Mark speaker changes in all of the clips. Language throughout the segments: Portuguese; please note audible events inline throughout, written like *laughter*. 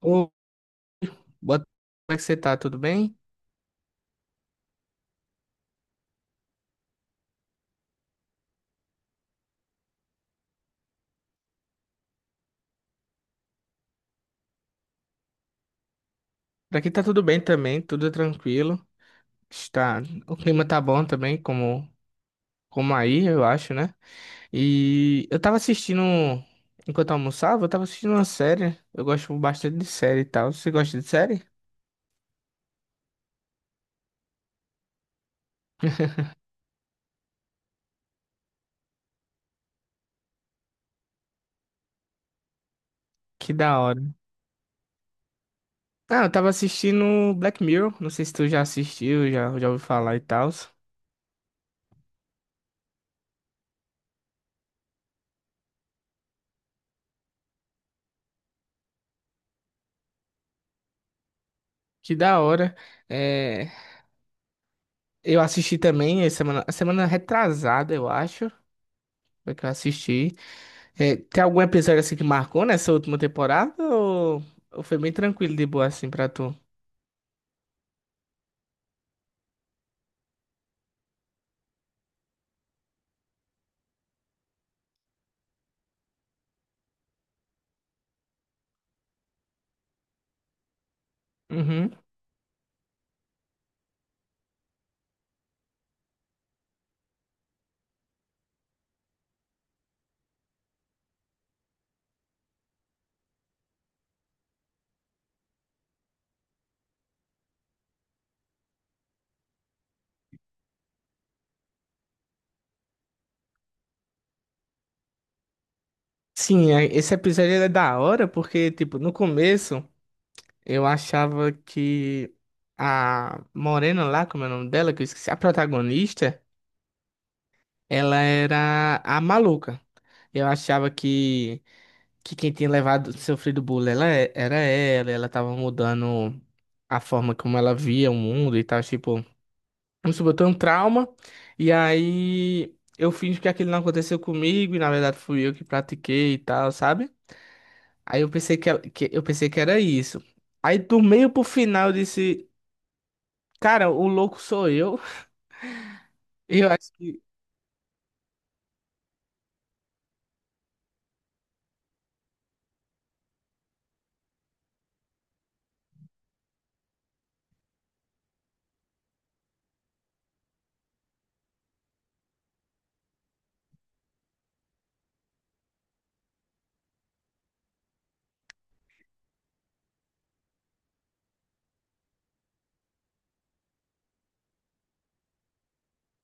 Speaker 1: Ô, boa tarde, como é que você tá? Tudo bem? Por aqui tá tudo bem também, tudo tranquilo. Está, o clima tá bom também, como aí, eu acho, né? E eu tava assistindo, enquanto eu almoçava, eu tava assistindo uma série. Eu gosto bastante de série e tal. Você gosta de série? Que da hora. Ah, eu tava assistindo Black Mirror, não sei se tu já assistiu, já ouviu falar e tal. Que da hora. É, eu assisti também, a semana retrasada, eu acho, foi que eu assisti. É, tem algum episódio assim que marcou nessa última temporada ou foi bem tranquilo de boa assim pra tu? Uhum. Sim, esse episódio ele é da hora porque, tipo, no começo eu achava que a Morena lá, como é o nome dela, que eu esqueci, a protagonista, ela era a maluca. Eu achava que, que quem tinha levado, sofrido bullying ela, era ela, ela tava mudando a forma como ela via o mundo e tal, tipo. Vamos supor, eu tenho um trauma, e aí eu finjo que aquilo não aconteceu comigo, e na verdade fui eu que pratiquei e tal, sabe? Aí eu pensei que, ela- que- Eu pensei que era isso. Aí do meio pro final eu disse, cara, o louco sou eu. *laughs* Eu acho que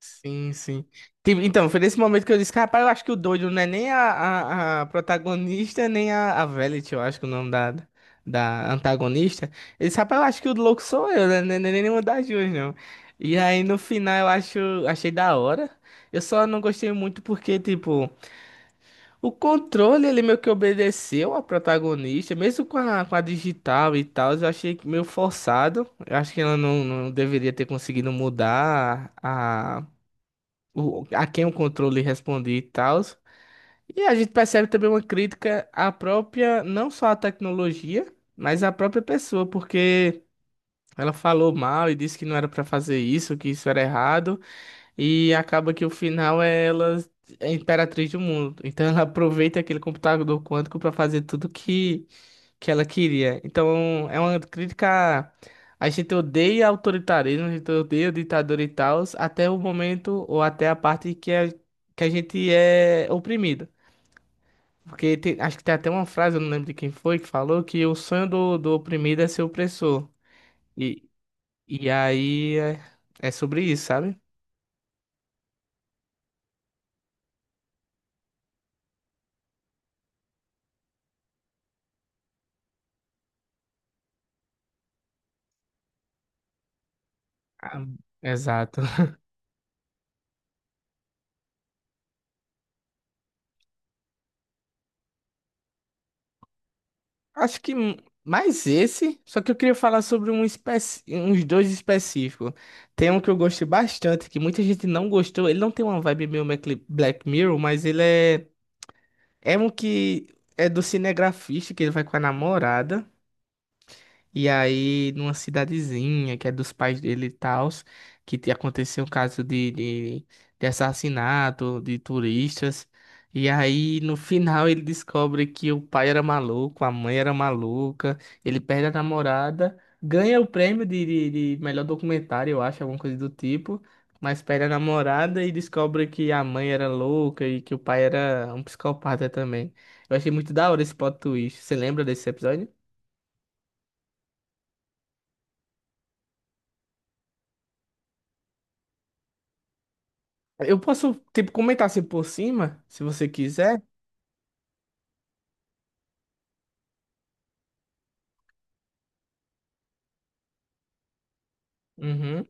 Speaker 1: sim, sim. Tipo, então, foi nesse momento que eu disse, rapaz, eu acho que o doido não é nem a protagonista, nem a Velvet, eu acho que é o nome da antagonista. Ele disse, rapaz, eu acho que o louco sou eu, né? Nem nenhuma das duas, não. E aí, no final, eu acho, achei da hora. Eu só não gostei muito porque, tipo, o controle, ele meio que obedeceu a protagonista, mesmo com a digital e tal, eu achei meio forçado. Eu acho que ela não deveria ter conseguido mudar a quem o controle respondia e tal. E a gente percebe também uma crítica à própria, não só à tecnologia, mas à própria pessoa, porque ela falou mal e disse que não era pra fazer isso, que isso era errado, e acaba que o final é ela é a imperatriz do mundo. Então ela aproveita aquele computador quântico pra fazer tudo que ela queria. Então, é uma crítica. A gente odeia autoritarismo, a gente odeia ditador e tal, até o momento ou até a parte que, é, que a gente é oprimido. Porque acho que tem até uma frase, eu não lembro de quem foi, que falou que o sonho do oprimido é ser opressor. E, e aí é, é sobre isso, sabe? Ah, exato. Acho que m- Mais esse, só que eu queria falar sobre uns dois específicos. Tem um que eu gostei bastante, que muita gente não gostou. Ele não tem uma vibe meio Black Mirror, mas ele é. É um que é do cinegrafista, que ele vai com a namorada. E aí, numa cidadezinha que é dos pais dele e tal, aconteceu um caso de assassinato de turistas. E aí, no final, ele descobre que o pai era maluco, a mãe era maluca, ele perde a namorada, ganha o prêmio de melhor documentário, eu acho, alguma coisa do tipo, mas perde a namorada e descobre que a mãe era louca e que o pai era um psicopata também. Eu achei muito da hora esse plot twist. Você lembra desse episódio? Eu posso, tipo, comentar assim por cima, se você quiser. Uhum.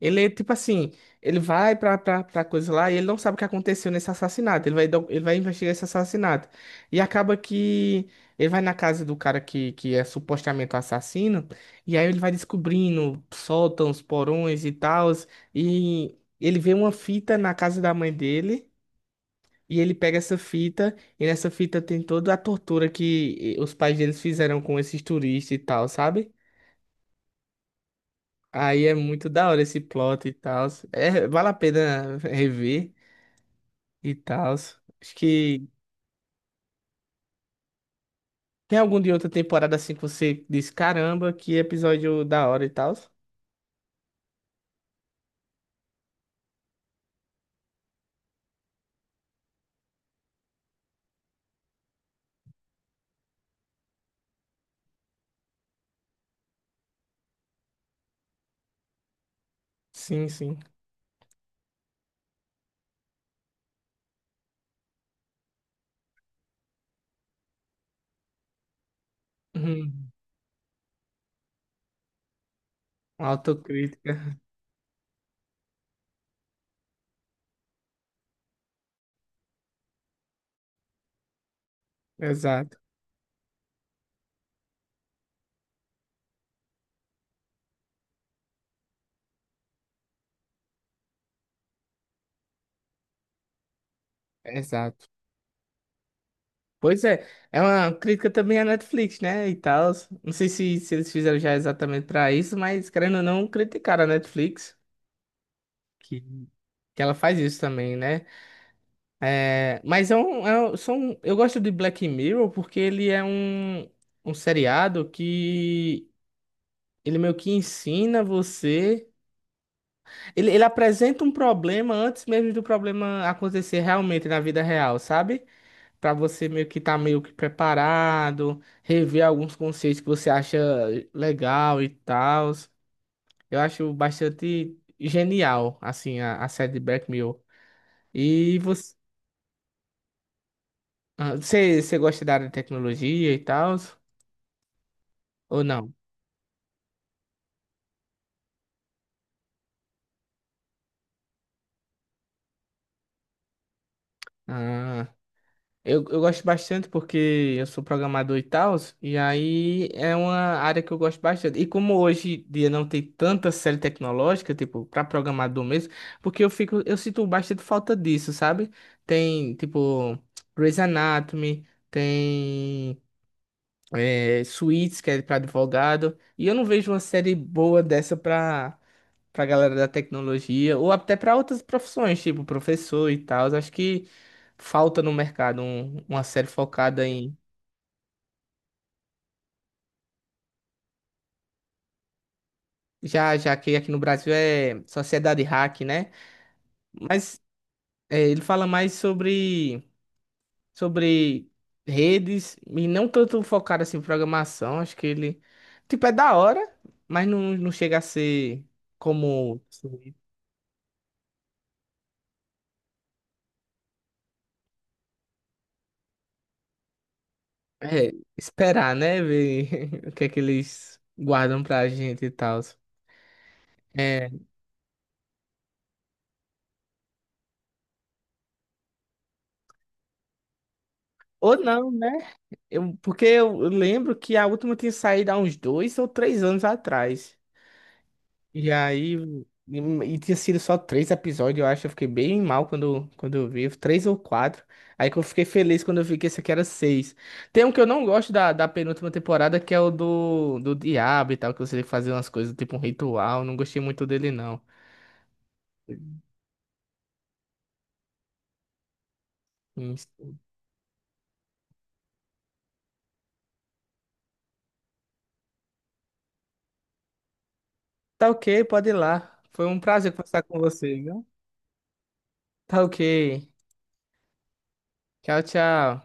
Speaker 1: Ele, é, tipo assim, ele vai pra coisa lá e ele não sabe o que aconteceu nesse assassinato. Ele vai investigar esse assassinato. E acaba que ele vai na casa do cara que é supostamente o assassino. E aí ele vai descobrindo sótãos, porões e tal. E ele vê uma fita na casa da mãe dele. E ele pega essa fita, e nessa fita tem toda a tortura que os pais deles fizeram com esses turistas e tal, sabe? Aí é muito da hora esse plot e tal. É, vale a pena rever e tal. Acho que tem algum de outra temporada assim que você diz, caramba, que episódio da hora e tal. Sim, sim. Uhum. Autocrítica. Exato, exato. Pois é, é uma crítica também à Netflix, né? E tal. Não sei se eles fizeram já exatamente pra isso, mas querendo ou não, criticaram a Netflix, que, que ela faz isso também, né? É, mas é um, são, eu gosto de Black Mirror porque ele é um, um seriado que ele meio que ensina você. Ele apresenta um problema antes mesmo do problema acontecer realmente na vida real, sabe? Pra você meio que estar meio que preparado, rever alguns conceitos que você acha legal e tal. Eu acho bastante genial, assim, a série de Black Mirror. E você, ah, você gosta da área de tecnologia e tal? Ou não? Ah, eu gosto bastante porque eu sou programador e tal, e aí é uma área que eu gosto bastante. E como hoje em dia não tem tanta série tecnológica, tipo, para programador mesmo, porque eu fico, eu sinto bastante falta disso, sabe? Tem, tipo, Grey's Anatomy, tem é, Suits, que é para advogado, e eu não vejo uma série boa dessa pra pra galera da tecnologia, ou até pra outras profissões, tipo professor e tal. Acho que falta no mercado uma série focada em. Já que aqui no Brasil é Sociedade Hack, né? Mas é, ele fala mais sobre redes e não tanto focado assim em programação. Acho que ele. Tipo, é da hora, mas não chega a ser como. É, esperar, né? Ver *laughs* o que é que eles guardam pra gente e tal. É, ou não, né? Eu, porque eu lembro que a última tinha saído há uns 2 ou 3 anos atrás. E aí. E tinha sido só três episódios, eu acho. Eu fiquei bem mal quando eu vi. Três ou quatro. Aí que eu fiquei feliz quando eu vi que esse aqui era seis. Tem um que eu não gosto da penúltima temporada, que é o do diabo e tal, que você tem que fazer umas coisas, tipo um ritual. Não gostei muito dele, não. Isso. Tá ok, pode ir lá. Foi um prazer conversar com você, viu? Tá ok. Tchau, tchau.